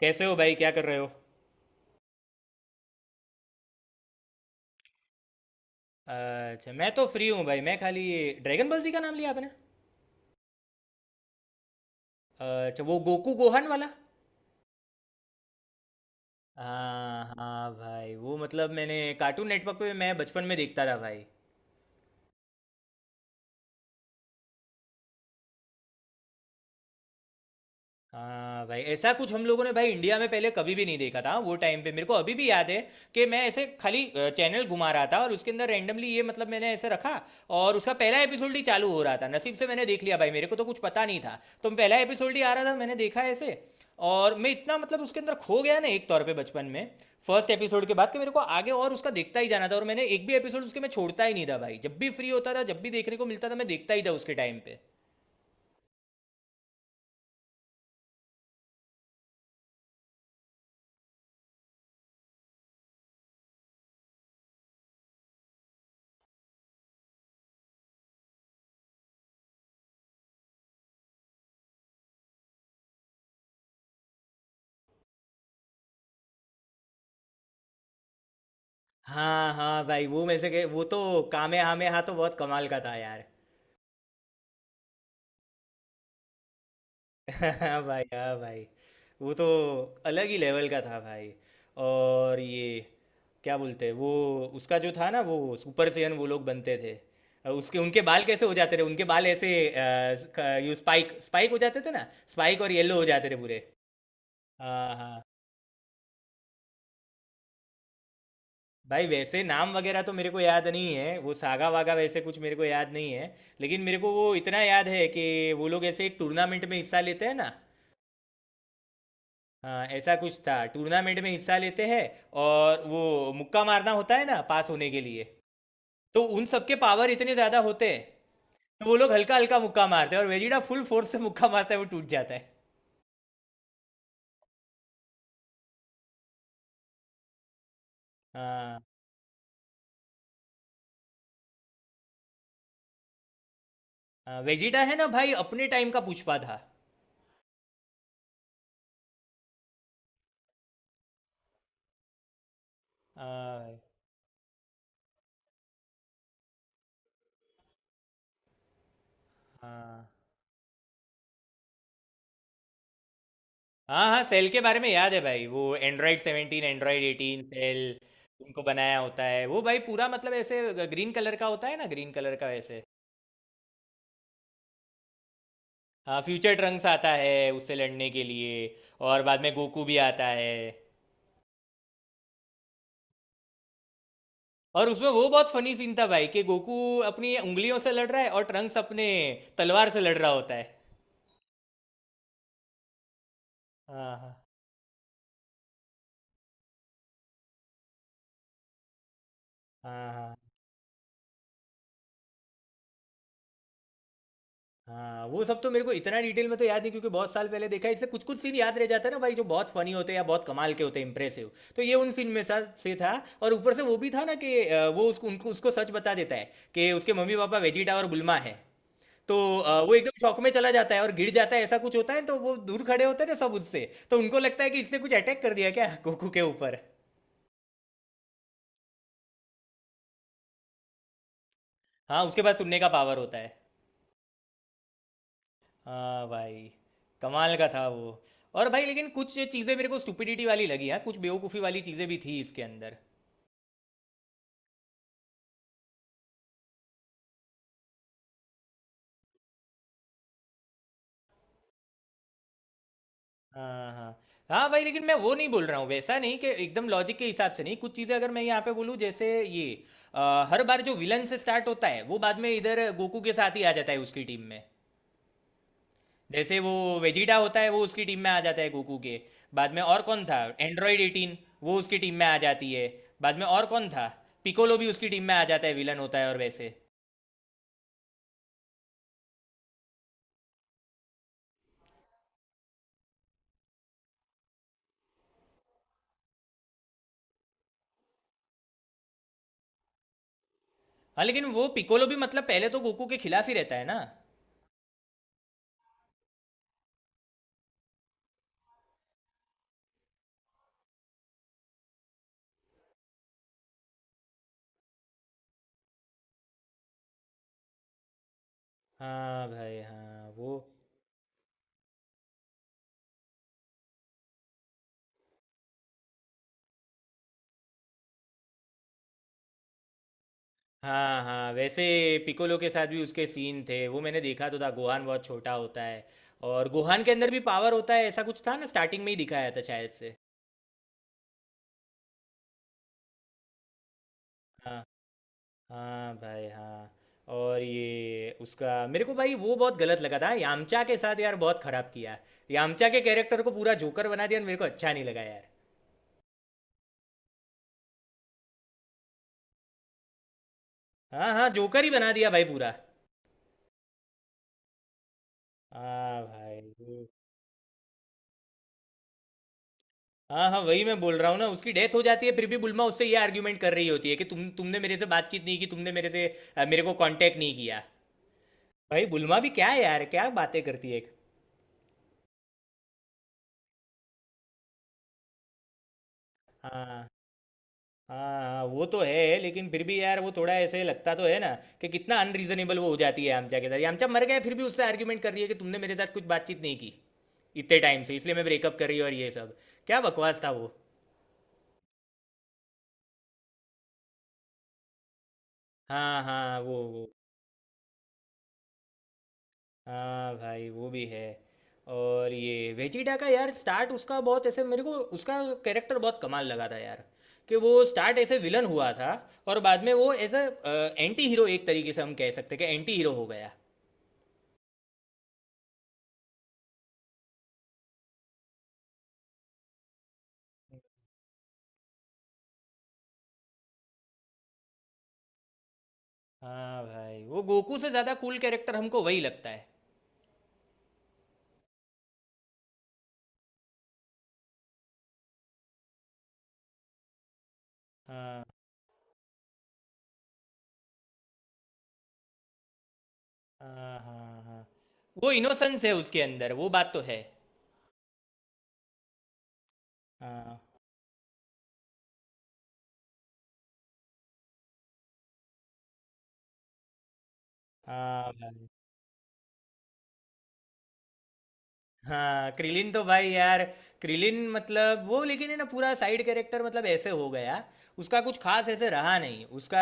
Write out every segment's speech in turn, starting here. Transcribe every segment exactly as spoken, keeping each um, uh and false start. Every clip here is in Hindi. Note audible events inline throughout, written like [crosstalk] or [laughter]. कैसे हो भाई, क्या कर रहे हो। अच्छा, मैं तो फ्री हूँ भाई। मैं खाली ये ड्रैगन बॉल जी का नाम लिया आपने। अच्छा, वो गोकू गोहन वाला। हाँ हाँ भाई, वो मतलब मैंने कार्टून नेटवर्क पे मैं बचपन में देखता था भाई। हाँ भाई, ऐसा कुछ हम लोगों ने भाई इंडिया में पहले कभी भी नहीं देखा था। वो टाइम पे मेरे को अभी भी याद है कि मैं ऐसे खाली अ, चैनल घुमा रहा था और उसके अंदर रैंडमली ये मतलब मैंने ऐसे रखा। और उसका पहला एपिसोड ही चालू हो रहा था। नसीब से मैंने देख लिया भाई। मेरे को तो कुछ पता नहीं था, तो पहला एपिसोड ही आ रहा था, मैंने देखा ऐसे। और मैं इतना मतलब उसके अंदर खो गया ना एक तौर पे बचपन में, फर्स्ट एपिसोड के बाद, कि मेरे को आगे और उसका देखता ही जाना था। और मैंने एक भी एपिसोड उसके मैं छोड़ता ही नहीं था भाई। जब भी फ्री होता था, जब भी देखने को मिलता था, मैं देखता ही था उसके टाइम पे। हाँ हाँ भाई, वो मेरे से के- वो तो कामे हामे हाँ तो बहुत कमाल का था यार। [laughs] हाँ भाई, हाँ भाई, वो तो अलग ही लेवल का था भाई। और ये क्या बोलते हैं वो, उसका जो था ना, वो सुपर सेयन वो लोग बनते थे। अ, उसके उनके बाल कैसे हो जाते थे, उनके बाल ऐसे अ, क- ये स्पाइक स्पाइक हो जाते थे ना। स्पाइक और येलो हो जाते थे पूरे। हाँ हाँ। भाई वैसे नाम वगैरह तो मेरे को याद नहीं है। वो सागा वागा वैसे कुछ मेरे को याद नहीं है, लेकिन मेरे को वो इतना याद है कि वो लोग ऐसे एक टूर्नामेंट में हिस्सा लेते हैं ना। हाँ, ऐसा कुछ था, टूर्नामेंट में हिस्सा लेते हैं। और वो मुक्का मारना होता है ना पास होने के लिए। तो उन सबके पावर इतने ज़्यादा होते हैं, तो वो लोग हल्का हल्का मुक्का मारते हैं, और वेजिटा फुल फोर्स से मुक्का मारता है, वो टूट जाता है। हाँ। हाँ, वेजिटा है ना भाई, अपने टाइम का पुष्पा था। हाँ हाँ हाँ हाँ। सेल के बारे में याद है भाई, वो android seventeen, android eighteen, Cell. उनको बनाया होता है वो भाई। पूरा मतलब ऐसे ग्रीन कलर का होता है ना, ग्रीन कलर का वैसे। हाँ, फ्यूचर ट्रंक्स आता है उससे लड़ने के लिए, और बाद में गोकू भी आता है। और उसमें वो बहुत फनी सीन था भाई कि गोकू अपनी उंगलियों से लड़ रहा है और ट्रंक्स अपने तलवार से लड़ रहा होता है। हाँ हाँ हाँ हाँ। हाँ, वो सब तो मेरे को इतना डिटेल में तो याद नहीं, क्योंकि बहुत साल पहले देखा है। इससे कुछ कुछ सीन याद रह जाता है ना भाई, जो बहुत फनी होते हैं या बहुत कमाल के होते हैं, इंप्रेसिव। तो ये उन सीन में सा, से था। और ऊपर से वो भी था ना कि अ, वो उसको उनको उसको सच बता देता है कि उसके मम्मी पापा वेजिटा और गुल्मा है। तो अ, वो एकदम शॉक में चला जाता है और गिर जाता है, ऐसा कुछ होता है। तो वो दूर खड़े होते हैं ना सब उससे, तो उनको लगता है कि इसने कुछ अटैक कर दिया क्या गोकू के ऊपर। हाँ, उसके पास सुनने का पावर होता है। हाँ भाई, कमाल का था वो। और भाई, लेकिन कुछ चीज़ें मेरे को स्टुपिडिटी वाली लगी। हाँ, कुछ बेवकूफ़ी वाली चीज़ें भी थी इसके अंदर। हाँ हाँ। हाँ भाई, लेकिन मैं वो नहीं बोल रहा हूँ, वैसा नहीं कि एकदम लॉजिक के हिसाब से नहीं। कुछ चीज़ें अगर मैं यहाँ पे बोलूँ, जैसे ये अ, हर बार जो विलन से स्टार्ट होता है, वो बाद में इधर गोकू के साथ ही आ जाता है उसकी टीम में। जैसे वो वेजिटा होता है, वो उसकी टीम में आ जाता है गोकू के बाद में। और कौन था, एंड्रॉयड एटीन, वो उसकी टीम में आ जाती है बाद में। और कौन था, पिकोलो भी उसकी टीम में आ जाता है, विलन होता है और वैसे। हाँ, लेकिन वो पिकोलो भी मतलब पहले तो गोकू के खिलाफ ही रहता है ना। हाँ भाई, हाँ वो। हाँ हाँ, वैसे पिकोलो के साथ भी उसके सीन थे, वो मैंने देखा तो था। गोहान बहुत छोटा होता है, और गोहान के अंदर भी पावर होता है, ऐसा कुछ था ना स्टार्टिंग में ही दिखाया था शायद से। हाँ हाँ भाई, हाँ। और ये उसका मेरे को भाई वो बहुत गलत लगा था यामचा के साथ यार, बहुत खराब किया। यामचा के कैरेक्टर को पूरा जोकर बना दिया, और मेरे को अच्छा नहीं लगा यार। हाँ हाँ, जोकर ही बना दिया भाई पूरा। हाँ भाई। हाँ हाँ, वही मैं बोल रहा हूँ ना, उसकी डेथ हो जाती है, फिर भी बुलमा उससे ये आर्ग्यूमेंट कर रही होती है कि तुम तुमने मेरे से बातचीत नहीं की, तुमने मेरे से अ, मेरे को कांटेक्ट नहीं किया। भाई बुलमा भी क्या है यार, क्या बातें करती है। हाँ। हाँ, हाँ, वो तो है, लेकिन फिर भी यार वो थोड़ा ऐसे लगता तो है ना कि कितना अनरीजनेबल वो हो जाती है आमचा के साथ। ये आमचा मर गया, फिर भी उससे आर्ग्यूमेंट कर रही है कि तुमने मेरे साथ कुछ बातचीत नहीं की इतने टाइम से, इसलिए मैं ब्रेकअप कर रही हूँ और ये सब। क्या बकवास था वो। हाँ हाँ, वो वो। हाँ भाई, वो भी है। और ये वेजिटा का यार स्टार्ट, उसका बहुत ऐसे मेरे को उसका कैरेक्टर बहुत कमाल लगा था यार। कि वो स्टार्ट ऐसे विलन हुआ था, और बाद में वो एज अ एंटी हीरो, एक तरीके से हम कह सकते हैं कि एंटी हीरो हो गया। हाँ भाई, वो गोकू से ज़्यादा कूल कैरेक्टर हमको वही लगता है। हाँ हाँ हाँ। वो इनोसेंस है उसके अंदर, वो बात तो है। हाँ। हाँ हाँ। क्रिलिन तो भाई यार, क्रिलिन मतलब वो लेकिन है ना पूरा साइड कैरेक्टर, मतलब ऐसे हो गया। उसका कुछ खास ऐसे रहा नहीं, उसका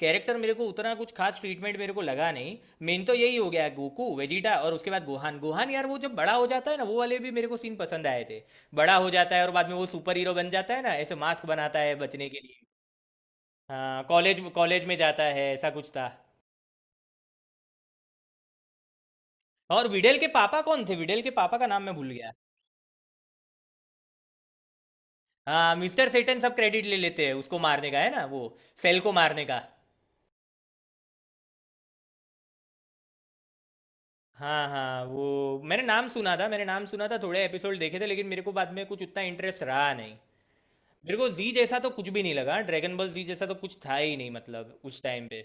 कैरेक्टर मेरे को उतना कुछ खास ट्रीटमेंट मेरे को लगा नहीं। मेन तो यही हो गया गोकू वेजिटा, और उसके बाद गोहान। गोहान यार, वो जब बड़ा हो जाता है ना, वो वाले भी मेरे को सीन पसंद आए थे। बड़ा हो जाता है और बाद में वो सुपर हीरो बन जाता है ना, ऐसे मास्क बनाता है बचने के लिए। हाँ, कॉलेज कॉलेज में जाता है, ऐसा कुछ था। और विडेल के पापा कौन थे, विडेल के पापा का नाम मैं भूल गया। हाँ, मिस्टर सेटन। सब क्रेडिट ले लेते हैं उसको मारने का है ना, वो सेल को मारने का। हाँ हाँ। वो मैंने नाम सुना था, मैंने नाम सुना था, थोड़े एपिसोड देखे थे, लेकिन मेरे को बाद में कुछ उतना इंटरेस्ट रहा नहीं। मेरे को जी जैसा तो कुछ भी नहीं लगा। ड्रैगन बॉल जी जैसा तो कुछ था ही नहीं मतलब उस टाइम पे।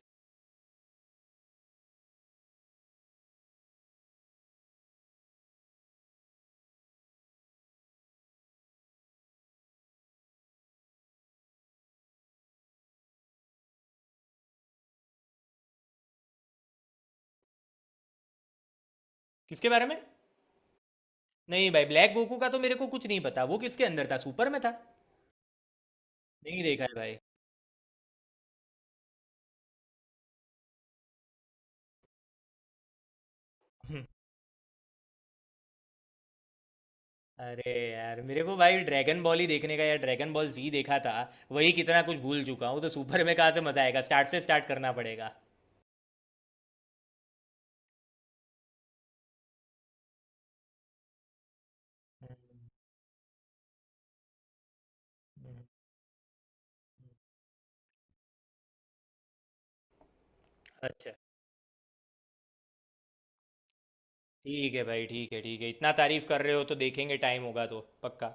किसके बारे में। नहीं भाई, ब्लैक गोकू का तो मेरे को कुछ नहीं पता। वो किसके अंदर था, सुपर में था। नहीं देखा है भाई। [laughs] हम्म, अरे यार, मेरे को भाई ड्रैगन बॉल ही देखने का यार, ड्रैगन बॉल जी देखा था, वही कितना कुछ भूल चुका हूँ। तो सुपर में कहाँ से मजा आएगा, स्टार्ट से स्टार्ट करना पड़ेगा। हम्म। हम्म। अच्छा ठीक है भाई, ठीक है ठीक है, इतना तारीफ कर रहे हो तो देखेंगे, टाइम होगा तो पक्का।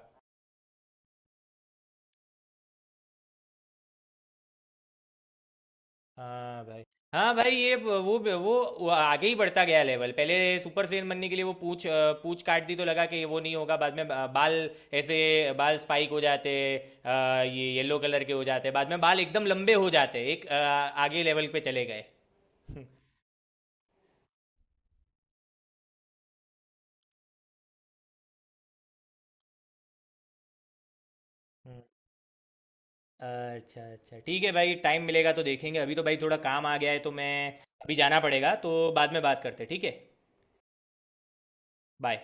हाँ भाई, हाँ भाई। ये ब- वो ब- वो वो आगे ही बढ़ता गया लेवल। पहले सुपर सैयन बनने के लिए वो पूछ अ, पूछ काट दी, तो लगा कि वो नहीं होगा। बाद में बा- बाल ऐसे, बाल स्पाइक हो जाते, अ, ये येलो कलर के हो जाते। बाद में बाल एकदम लंबे हो जाते, एक अ, आगे लेवल पे चले गए। [laughs] हम्म। हम्म। अच्छा अच्छा, ठीक है भाई, टाइम मिलेगा तो देखेंगे। अभी तो भाई थोड़ा काम आ गया है तो मैं, अभी जाना पड़ेगा तो बाद में बात करते हैं, ठीक है। बाय।